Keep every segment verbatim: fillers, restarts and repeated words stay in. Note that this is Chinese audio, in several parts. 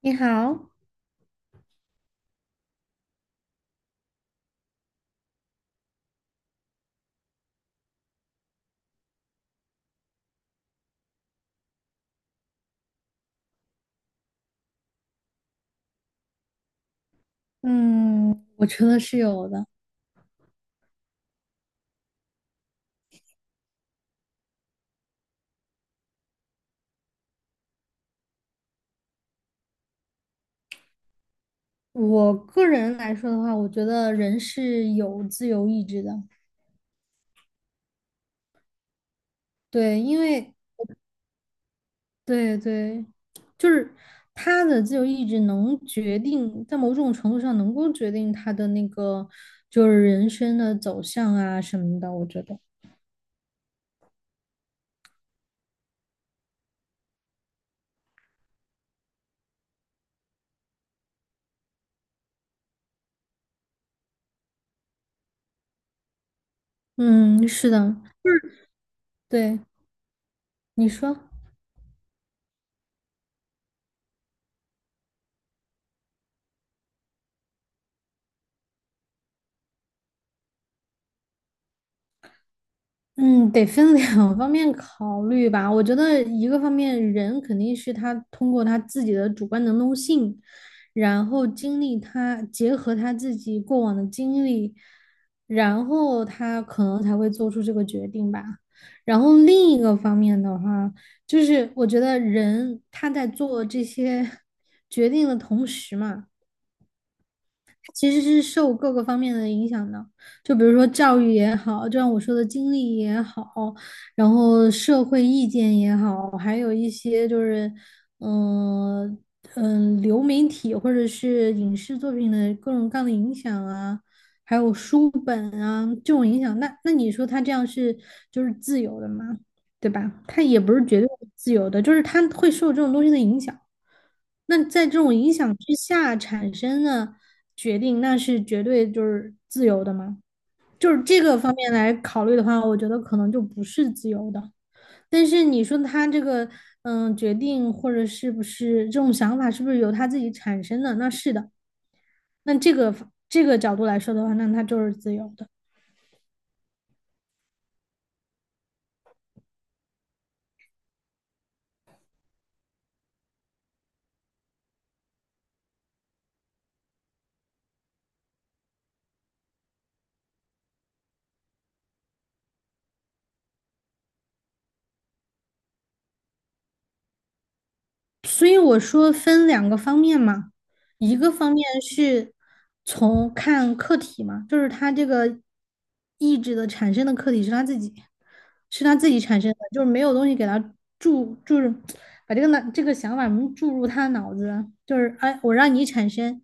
你好，嗯，我觉得是有的。我个人来说的话，我觉得人是有自由意志的，对，因为对对，就是他的自由意志能决定，在某种程度上能够决定他的那个就是人生的走向啊什么的，我觉得，嗯，是的，对，你说。嗯，得分两 方面考虑吧。我觉得一个方面，人肯定是他通过他自己的主观能动性，然后经历他结合他自己过往的经历，然后他可能才会做出这个决定吧。然后另一个方面的话，就是我觉得人他在做这些决定的同时嘛。其实是受各个方面的影响的，就比如说教育也好，就像我说的经历也好，然后社会意见也好，还有一些就是，嗯、嗯，呃呃流媒体或者是影视作品的各种各样的影响啊，还有书本啊这种影响，那那你说他这样是就是自由的吗？对吧？他也不是绝对自由的，就是他会受这种东西的影响。那在这种影响之下产生的决定，那是绝对就是自由的吗？就是这个方面来考虑的话，我觉得可能就不是自由的。但是你说他这个嗯决定或者是不是这种想法，是不是由他自己产生的？那是的。那这个这个角度来说的话，那他就是自由的。所以我说分两个方面嘛，一个方面是从看客体嘛，就是他这个意志的产生的客体是他自己，是他自己产生的，就是没有东西给他注，就是把这个脑这个想法注入他的脑子，就是哎，我让你产生，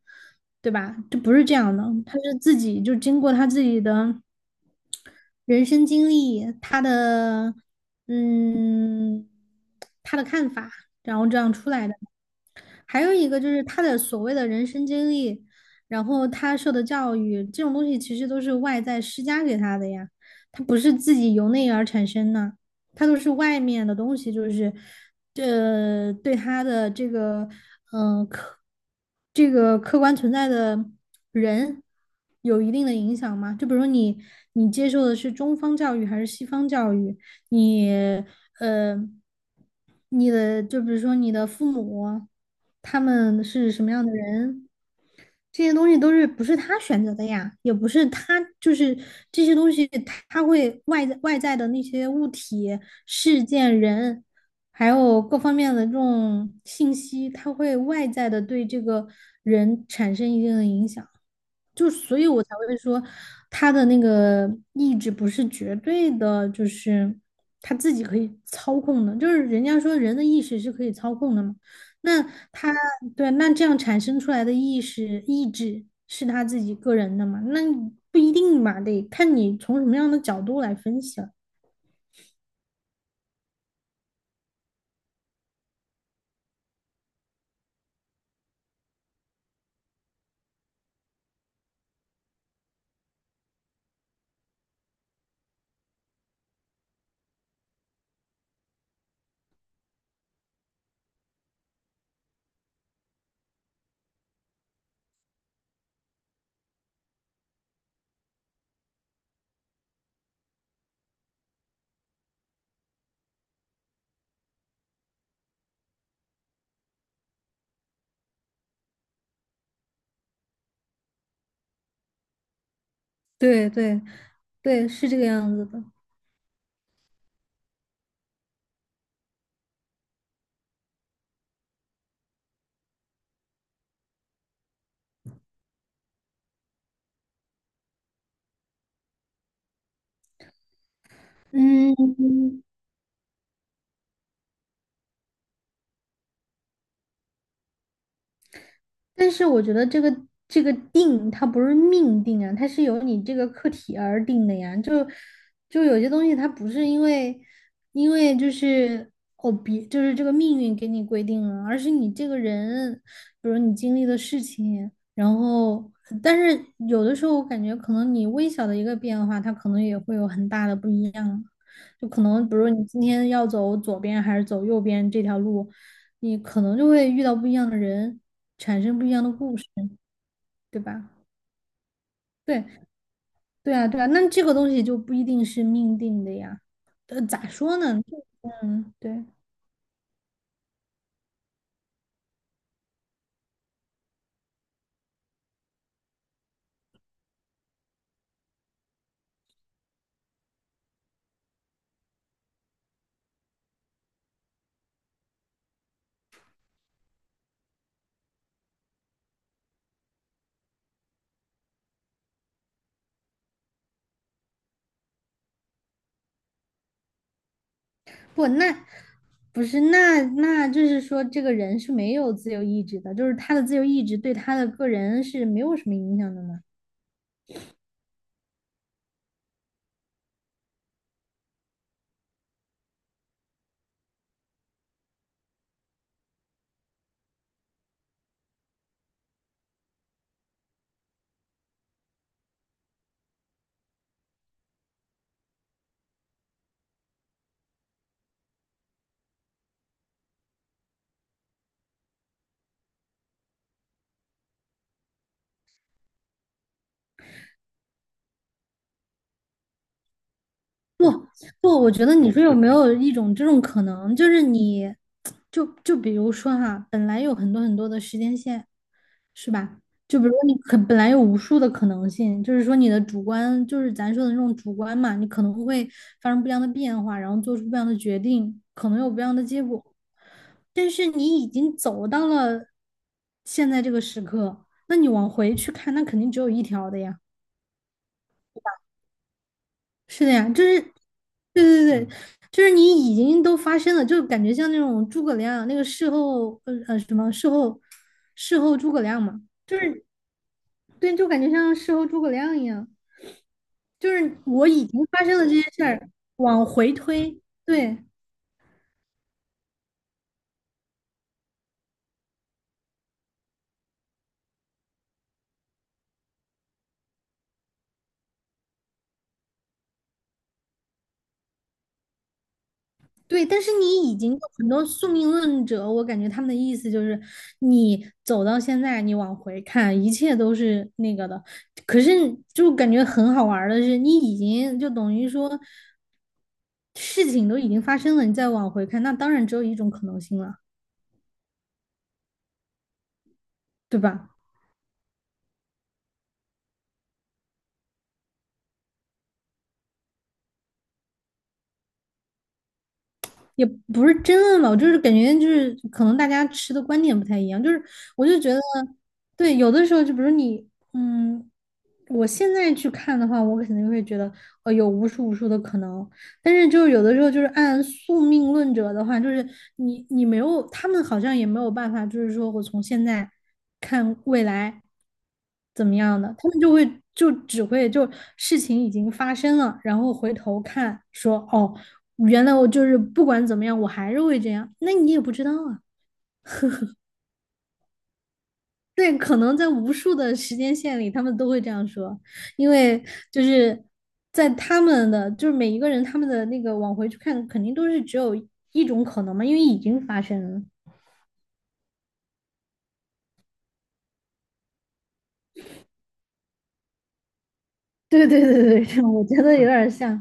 对吧？这不是这样的，他是自己就经过他自己的人生经历，他的嗯，他的看法，然后这样出来的。还有一个就是他的所谓的人生经历，然后他受的教育，这种东西其实都是外在施加给他的呀，他不是自己由内而产生的，他都是外面的东西，就是，呃，对他的这个这个客观存在的人有一定的影响吗？就比如说你，你接受的是中方教育还是西方教育？你呃，你的就比如说你的父母，他们是什么样的人？这些东西都是不是他选择的呀，也不是他就是这些东西，他会外在外在的那些物体、事件、人，还有各方面的这种信息，他会外在的对这个人产生一定的影响，就所以我才会说他的那个意志不是绝对的，就是他自己可以操控的，就是人家说人的意识是可以操控的嘛。那他对，那这样产生出来的意识意志是他自己个人的嘛？那不一定嘛，得看你从什么样的角度来分析了。对对对，是这个样子的。嗯，但是我觉得这个这个定它不是命定啊，它是由你这个课题而定的呀。就就有些东西它不是因为因为就是哦别就是这个命运给你规定了，而是你这个人，比如你经历的事情，然后但是有的时候我感觉可能你微小的一个变化，它可能也会有很大的不一样。就可能比如你今天要走左边还是走右边这条路。你可能就会遇到不一样的人，产生不一样的故事，对吧？对，对啊，对啊，那这个东西就不一定是命定的呀。呃，咋说呢？嗯，对，不，那不是，那那就是说，这个人是没有自由意志的，就是他的自由意志对他的个人是没有什么影响的呢。不，我觉得你说有没有一种这种可能，就是你，就就比如说哈，本来有很多很多的时间线，是吧？就比如说你可本来有无数的可能性，就是说你的主观，就是咱说的那种主观嘛，你可能会发生不一样的变化，然后做出不一样的决定，可能有不一样的结果。但是你已经走到了现在这个时刻，那你往回去看，那肯定只有一条的呀。是的呀，就是，对对对，就是你已经都发生了，就感觉像那种诸葛亮那个事后，呃呃，什么事后，事后诸葛亮嘛，就是对，就感觉像事后诸葛亮一样，就是我已经发生了这些事儿，往回推，对。对，但是你已经有很多宿命论者，我感觉他们的意思就是，你走到现在，你往回看，一切都是那个的。可是就感觉很好玩儿的是，你已经就等于说事情都已经发生了，你再往回看，那当然只有一种可能性了，对吧？也不是争论吧，我就是感觉就是可能大家持的观点不太一样，就是我就觉得，对，有的时候就比如你，嗯，我现在去看的话，我肯定会觉得，呃，有无数无数的可能，但是就是有的时候就是按宿命论者的话，就是你你没有，他们好像也没有办法，就是说我从现在看未来，怎么样的，他们就会就只会就事情已经发生了，然后回头看说哦，原来我就是不管怎么样，我还是会这样，那你也不知道啊。对，可能在无数的时间线里，他们都会这样说，因为就是在他们的就是每一个人他们的那个往回去看，肯定都是只有一种可能嘛，因为已经发生了。对对对对对，我觉得有点像，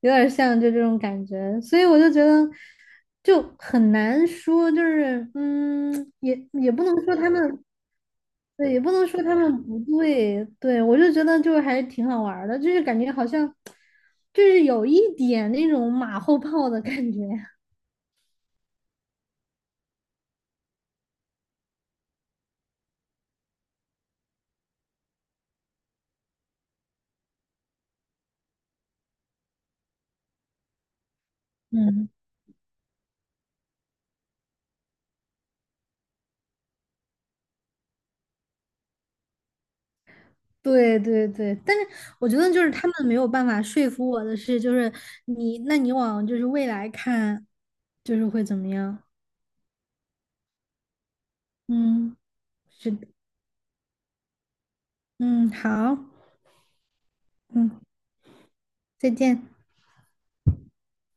有点像就这种感觉，所以我就觉得就很难说，就是嗯，也也不能说他们，对，也不能说他们不对，对，我就觉得就还挺好玩儿的，就是感觉好像就是有一点那种马后炮的感觉，嗯。对对对，但是我觉得就是他们没有办法说服我的是，就是你，那你往就是未来看，就是会怎么样？嗯。是嗯，好，嗯，再见。